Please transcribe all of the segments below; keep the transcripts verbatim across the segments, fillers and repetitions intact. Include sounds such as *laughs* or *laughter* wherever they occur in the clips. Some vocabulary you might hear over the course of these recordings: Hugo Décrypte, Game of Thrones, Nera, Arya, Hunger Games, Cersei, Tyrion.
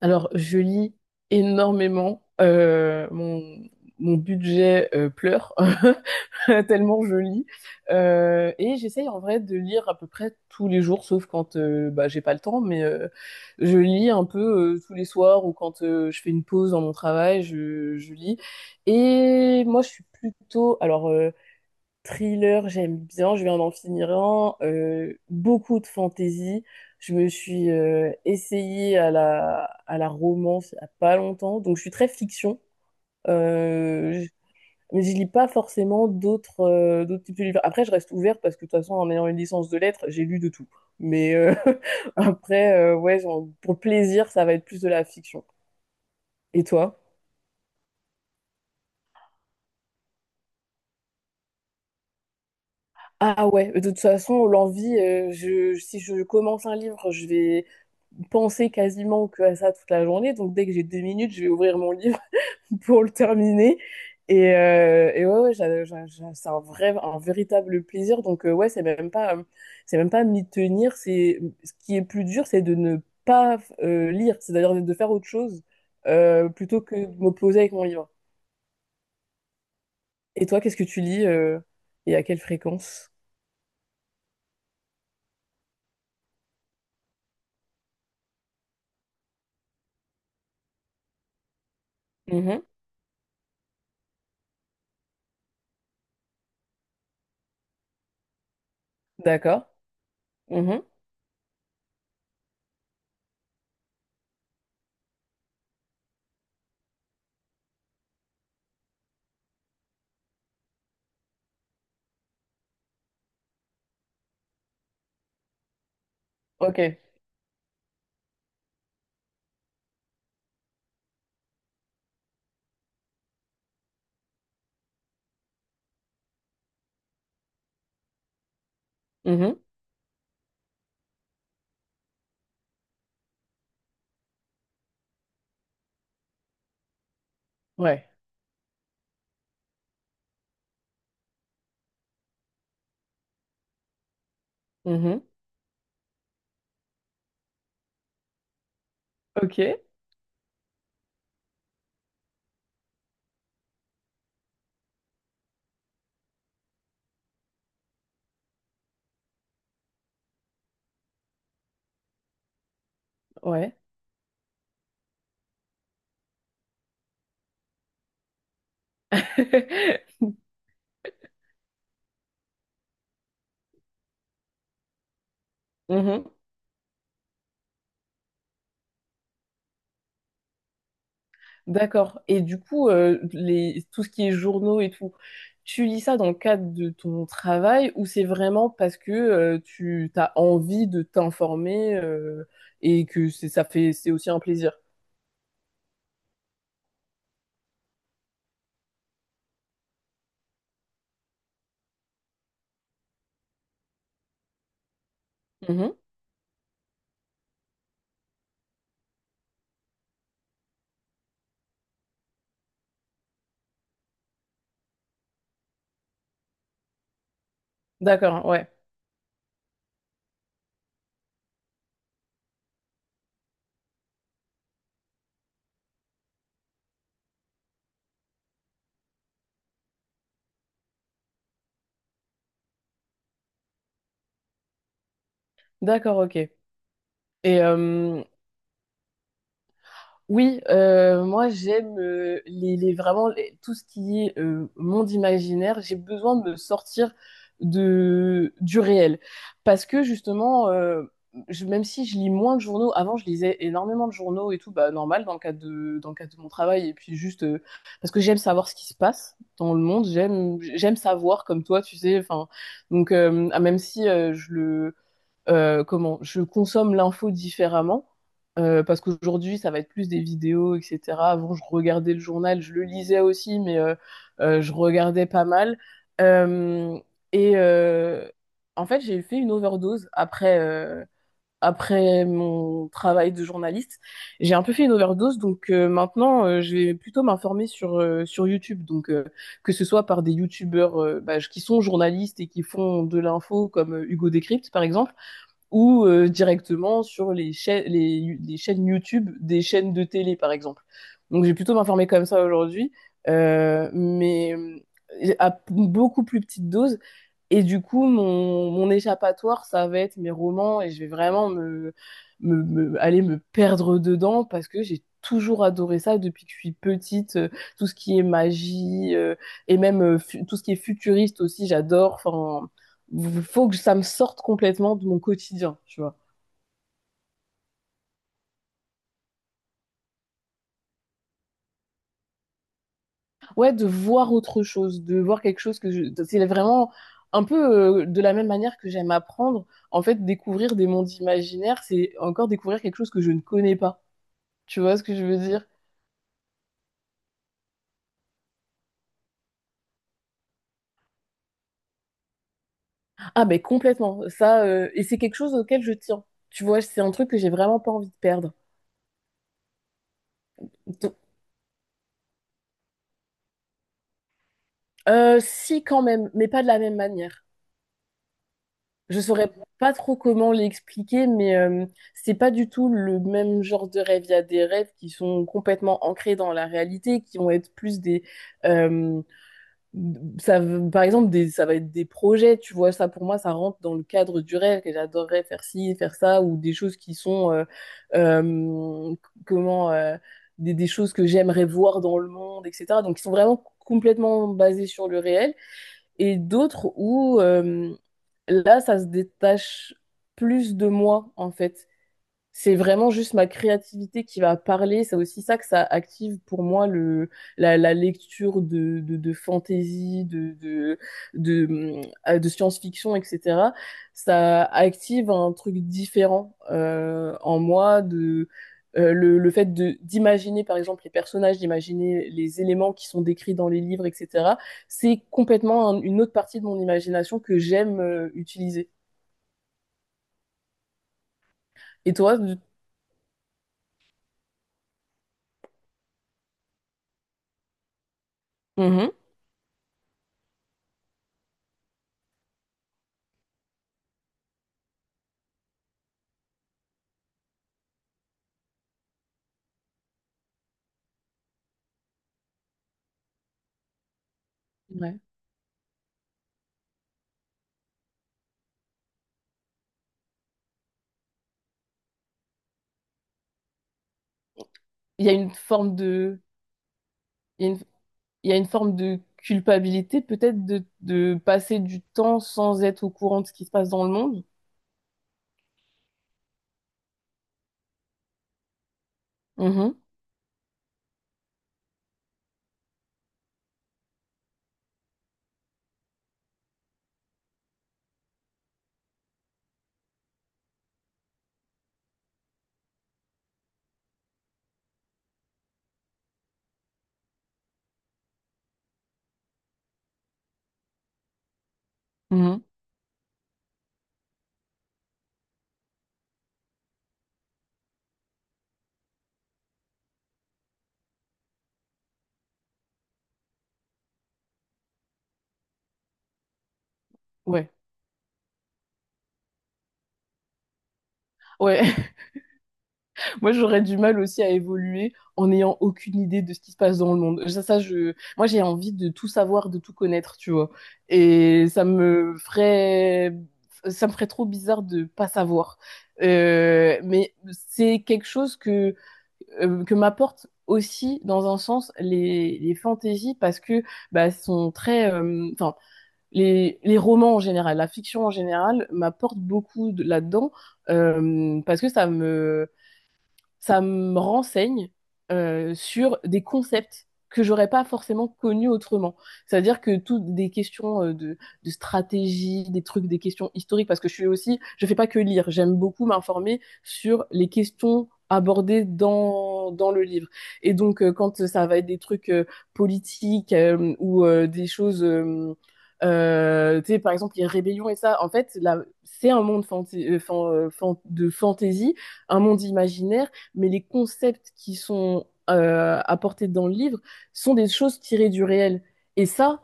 Alors, je lis énormément. Euh, mon, mon budget euh, pleure *laughs* tellement je lis. Euh, et j'essaye en vrai de lire à peu près tous les jours, sauf quand euh, bah, j'ai pas le temps. Mais euh, je lis un peu euh, tous les soirs ou quand euh, je fais une pause dans mon travail, je, je lis. Et moi, je suis plutôt. Alors, euh, Thriller, j'aime bien, je viens d'en finir un. Euh, beaucoup de fantaisie. Je me suis euh, essayée à la, à la romance il n'y a pas longtemps, donc je suis très fiction. Euh, je- mais je lis pas forcément d'autres euh, d'autres types de livres. Après, je reste ouverte parce que de toute façon, en ayant une licence de lettres, j'ai lu de tout. Mais euh, *laughs* après, euh, ouais, genre, pour plaisir, ça va être plus de la fiction. Et toi? Ah ouais, de toute façon, l'envie, euh, je, si je commence un livre, je vais penser quasiment que à ça toute la journée. Donc dès que j'ai deux minutes, je vais ouvrir mon livre *laughs* pour le terminer. Et, euh, et ouais, ouais, j'a- j'a- j'a- c'est un vrai, un véritable plaisir. Donc euh, ouais, c'est même pas, euh, c'est même pas m'y tenir. C'est ce qui est plus dur, c'est de ne pas euh, lire, c'est-à-dire de faire autre chose euh, plutôt que de me poser avec mon livre. Et toi, qu'est-ce que tu lis euh, et à quelle fréquence? Mhm. D'accord. Ok. Mhm. Ouais. Mhm. Ok. Ouais. *laughs* Mhm. D'accord. Et du coup, euh, les, tout ce qui est journaux et tout, tu lis ça dans le cadre de ton travail ou c'est vraiment parce que euh, tu as envie de t'informer euh, et que c'est, ça fait, c'est aussi un plaisir? Mhm. D'accord. Ouais. D'accord. Ok. Et, euh, Oui, euh, moi j'aime euh, les, les- vraiment les- tout ce qui est euh, monde imaginaire. J'ai besoin de me sortir de, du réel. Parce que justement, euh, je- même si je lis moins de journaux, avant je lisais énormément de journaux et tout, bah, normal dans le cadre de, dans le cadre de mon travail. Et puis juste euh, parce que j'aime savoir ce qui se passe dans le monde, j'aime, j'aime savoir comme toi, tu sais. Enfin, donc euh, ah, même si euh, je le euh, comment je consomme l'info différemment euh, parce qu'aujourd'hui ça va être plus des vidéos etc avant je regardais le journal je le lisais aussi mais euh, euh, je regardais pas mal. Euh, et euh, En fait j'ai fait une overdose après euh, après mon travail de journaliste j'ai un peu fait une overdose donc euh, maintenant euh, je vais plutôt m'informer sur euh, sur YouTube donc euh, que ce soit par des youtubeurs euh, bah, qui sont journalistes et qui font de l'info comme euh, Hugo Décrypte par exemple ou euh, directement sur les, cha- les, les chaînes YouTube des chaînes de télé, par exemple. Donc, j'ai plutôt m'informer comme ça aujourd'hui, euh, mais euh, à beaucoup plus petite dose. Et du coup, mon, mon échappatoire, ça va être mes romans et je vais vraiment me, me, me- aller me perdre dedans parce que j'ai toujours adoré ça depuis que je suis petite. Euh, tout ce qui est magie euh, et même euh, fu- tout ce qui est futuriste aussi, j'adore. Enfin, v- faut que ça me sorte complètement de mon quotidien, tu vois. Ouais, de voir autre chose, de voir quelque chose que je... C'est vraiment un peu euh, de la même manière que j'aime apprendre. En fait, découvrir des mondes imaginaires, c'est encore découvrir quelque chose que je ne connais pas. Tu vois ce que je veux dire? Ah, mais complètement. Ça, euh, et c'est quelque chose auquel je tiens. Tu vois, c'est un truc que j'ai vraiment pas envie de perdre. Donc, euh, Si, quand même, mais pas de la même manière. Je saurais pas trop comment l'expliquer, mais euh, c'est pas du tout le même genre de rêve. Il y a des rêves qui sont complètement ancrés dans la réalité, qui vont être plus des, euh, Ça, veut- par exemple, des, ça va être des projets, tu vois, ça pour moi, ça rentre dans le cadre du rêve, que j'adorerais faire ci, faire ça, ou des choses qui sont, euh, euh, comment, euh, des, des choses que j'aimerais voir dans le monde, et cétéra. Donc, qui sont vraiment complètement basées sur le réel, et d'autres où, euh, là, ça se détache plus de moi, en fait c'est vraiment juste ma créativité qui va parler. C'est aussi ça que ça active pour moi le la, la lecture de de, de fantaisie, de de de, hum, euh, de science-fiction, et cétéra. Ça active un truc différent euh, en moi de euh, le, le fait de d'imaginer par exemple les personnages, d'imaginer les éléments qui sont décrits dans les livres, et cétéra. C'est complètement un- une autre partie de mon imagination que j'aime euh, utiliser. Et toi, de- Mhm. Ouais. Il y a une forme de il y a une, il y a une forme de culpabilité peut-être de, de passer du temps sans être au courant de ce qui se passe dans le monde. Mhm, mhm, ouais. Ouais, *laughs* moi j'aurais du mal aussi à évoluer en n'ayant aucune idée de ce qui se passe dans le monde. Ça, ça, je, moi j'ai envie de tout savoir, de tout connaître, tu vois. Et ça me ferait, ça me ferait trop bizarre de pas savoir. Euh, mais c'est quelque chose que euh, que m'apportent aussi dans un sens les, les fantaisies parce que bah, sont très euh, enfin euh, les, les romans en général la fiction en général m'apporte beaucoup de- là-dedans euh, parce que ça me ça me renseigne euh, sur des concepts que j'aurais pas forcément connus autrement. C'est-à-dire que toutes des questions euh, de, de stratégie, des trucs, des questions historiques, parce que je suis aussi, je fais pas que lire, j'aime beaucoup m'informer sur les questions abordées dans, dans le livre. Et donc, euh, quand ça va être des trucs euh, politiques euh, ou euh, des choses, euh, euh, tu sais, par exemple, les rébellions et ça, en fait, là, c'est un monde fanta- euh, fan- euh, fan- de fantaisie, un monde imaginaire mais les concepts qui sont euh, apportés dans le livre sont des choses tirées du réel. Et ça,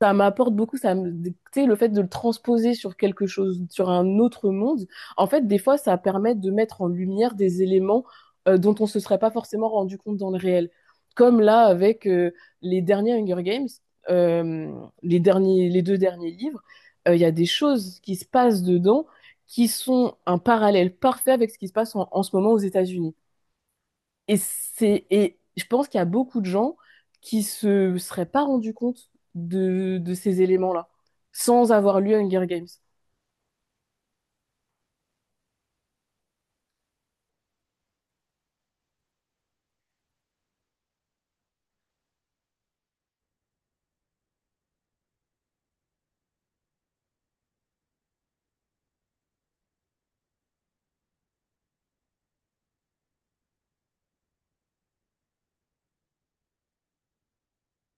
ça m'apporte beaucoup. Ça me, tu sais, le fait de le transposer sur quelque chose, sur un autre monde, en fait, des fois, ça permet de mettre en lumière des éléments euh, dont on se serait pas forcément rendu compte dans le réel. Comme là, avec euh, les derniers Hunger Games, euh, les derniers, les deux derniers livres, euh, il y a des choses qui se passent dedans qui sont un parallèle parfait avec ce qui se passe en en ce moment aux États-Unis. Et c'est, et je pense qu'il y a beaucoup de gens qui se seraient pas rendus compte de, de ces éléments-là, sans avoir lu Hunger Games.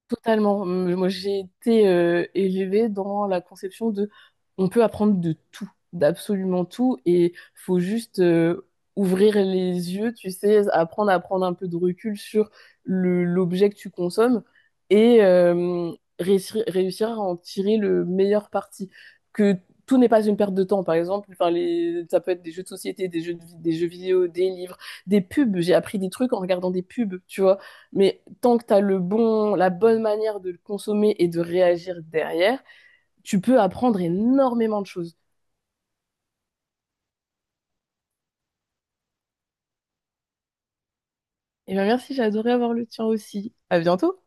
Totalement. M- Moi, j'ai été euh, élevée dans la conception de on peut apprendre de tout, d'absolument tout, et faut juste euh, ouvrir les yeux, tu sais, apprendre à prendre un peu de recul sur le- l'objet que tu consommes et euh, réussir, réussir à en tirer le meilleur parti. Que tout n'est pas une perte de temps, par exemple, enfin, les, ça peut être des jeux de société, des jeux de vi- des jeux vidéo, des livres, des pubs. J'ai appris des trucs en regardant des pubs, tu vois. Mais tant que tu as le bon, la bonne manière de le consommer et de réagir derrière, tu peux apprendre énormément de choses. Et bien merci, j'ai adoré avoir le tien aussi. À bientôt!